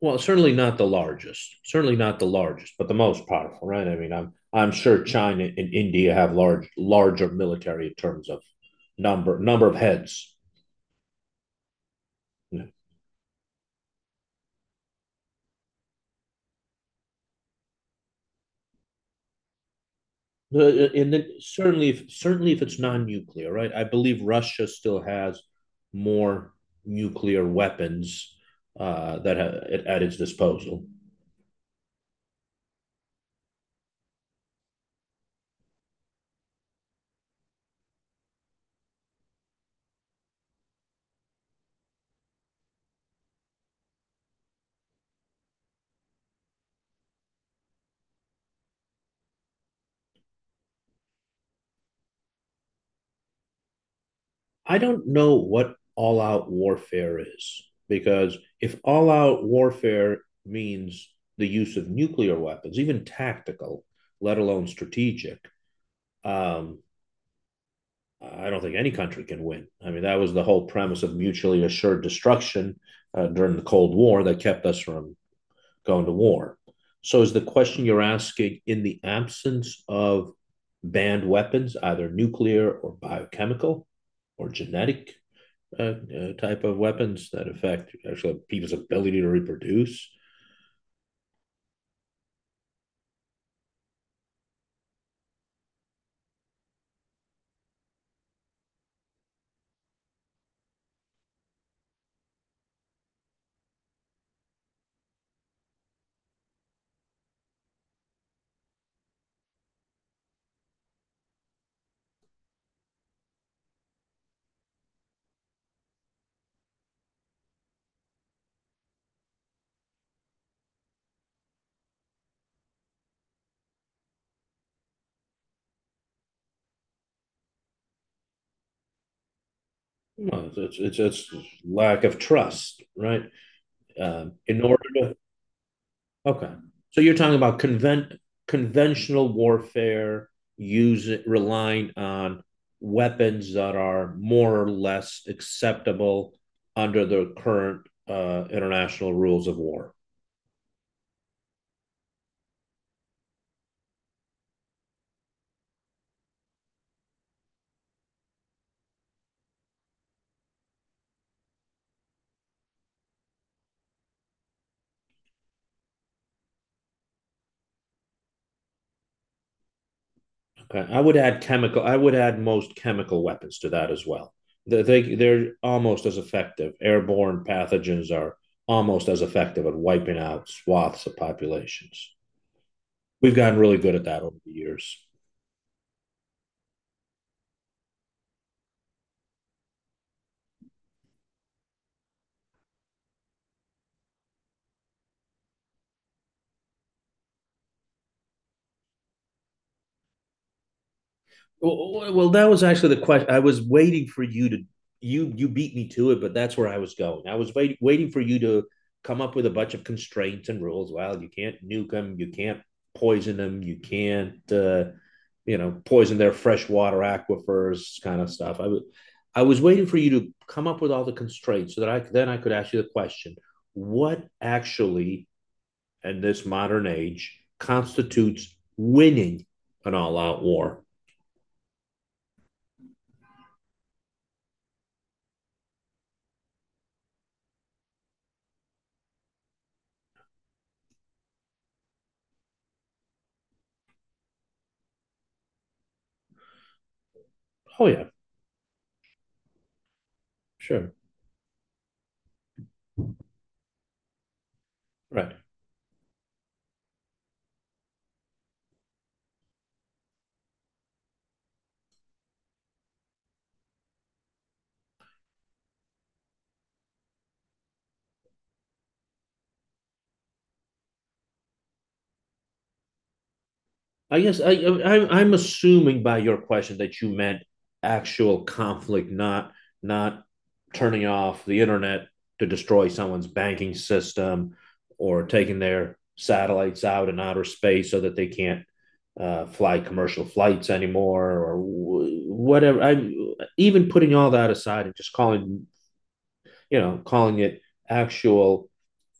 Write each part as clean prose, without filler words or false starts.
Well, certainly not the largest, certainly not the largest, but the most powerful, right? I mean, I'm sure China and India have larger military in terms of number of heads. Uh, And then certainly if it's non-nuclear, right? I believe Russia still has more nuclear weapons at its disposal. I don't know what all out warfare is because if all out warfare means the use of nuclear weapons, even tactical, let alone strategic, um, I don't think any country can win. I mean, that was the whole premise of mutually assured destruction during the Cold War that kept us from going to war. So, is the question you're asking in the absence of banned weapons, either nuclear or biochemical or genetic type of weapons that affect actually people's ability to reproduce. Well, it's lack of trust, right? In order to okay, so you're talking about conventional warfare using relying on weapons that are more or less acceptable under the current international rules of war. Okay. I would add chemical. I would add most chemical weapons to that as well. They're almost as effective. Airborne pathogens are almost as effective at wiping out swaths of populations. We've gotten really good at that over the years. Well, that was actually the question. I was waiting for you to you you beat me to it, but that's where I was going. I was waiting for you to come up with a bunch of constraints and rules. Well, you can't nuke them, you can't poison them, you can't you know poison their freshwater aquifers, kind of stuff. I was waiting for you to come up with all the constraints so that I could ask you the question: what actually, in this modern age, constitutes winning an all-out war? Oh yeah. Sure. Right. I guess I'm assuming by your question that you meant actual conflict, not not turning off the internet to destroy someone's banking system or taking their satellites out in outer space so that they can't fly commercial flights anymore or whatever. I even putting all that aside and just calling it actual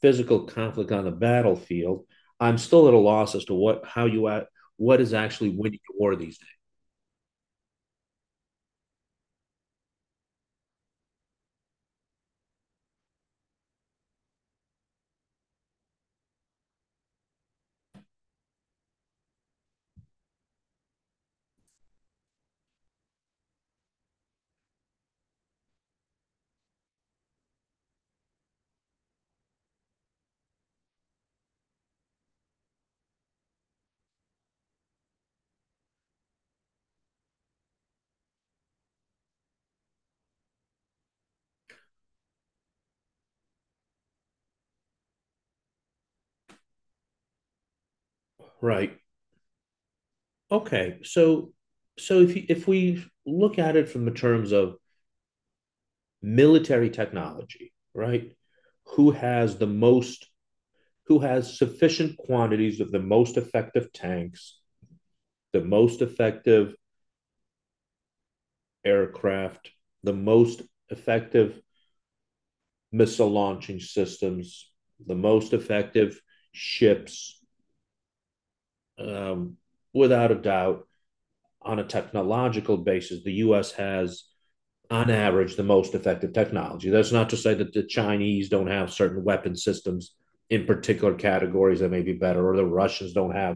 physical conflict on the battlefield, I'm still at a loss as to what how you at what is actually winning the war these days. Right. Okay. So if you, if we look at it from the terms of military technology, right? Who has the most who has sufficient quantities of the most effective tanks, the most effective aircraft, the most effective missile launching systems, the most effective ships, um, without a doubt. On a technological basis, the U.S. has, on average, the most effective technology. That's not to say that the Chinese don't have certain weapon systems in particular categories that may be better, or the Russians don't have.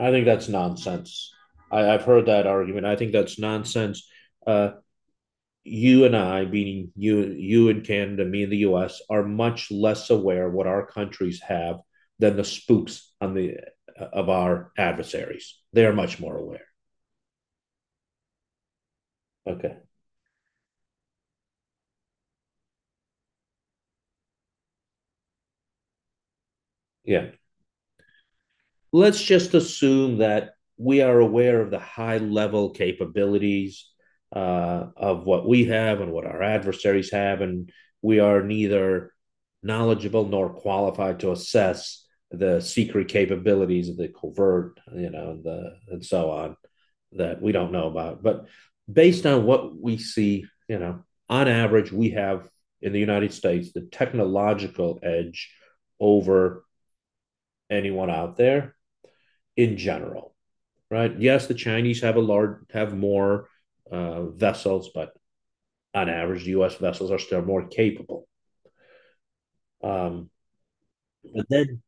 I think that's nonsense. I have heard that argument. I think that's nonsense. Uh, you and I, meaning you, you in Canada, me in the U.S., are much less aware what our countries have than the spooks on the of our adversaries. They are much more aware. Okay, yeah, let's just assume that we are aware of the high level capabilities of what we have and what our adversaries have, and we are neither knowledgeable nor qualified to assess the secret capabilities of the covert, you know, the and so on that we don't know about. But based on what we see, you know, on average, we have in the United States the technological edge over anyone out there in general, right? Yes, the Chinese have a large have more vessels, but on average, the U.S. vessels are still more capable. Um, but then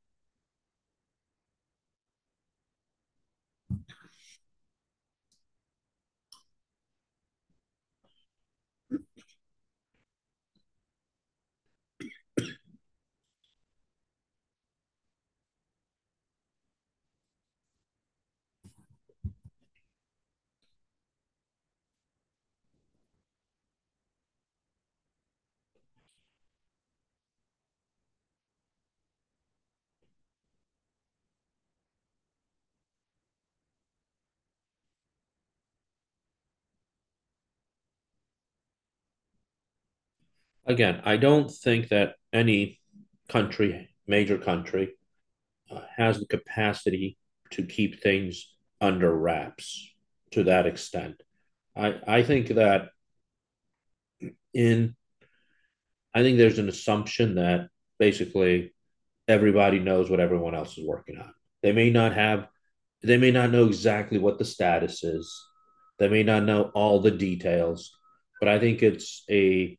again, I don't think that any country, major country, has the capacity to keep things under wraps to that extent. I think that in I think there's an assumption that basically everybody knows what everyone else is working on. They may not have they may not know exactly what the status is. They may not know all the details, but I think it's a.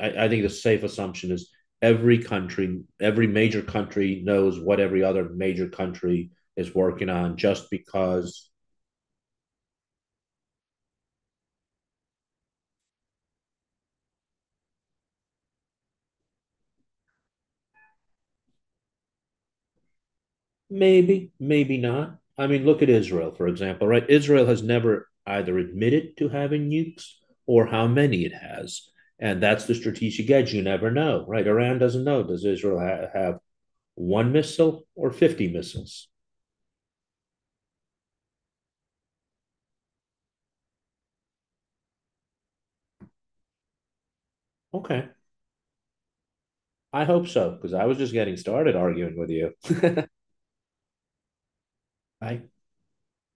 I think the safe assumption is every country, every major country knows what every other major country is working on just because maybe, maybe not. I mean, look at Israel, for example, right? Israel has never either admitted to having nukes or how many it has. And that's the strategic edge. You never know, right? Iran doesn't know. Does Israel have one missile or 50 missiles? Okay. I hope so, because I was just getting started arguing with you. I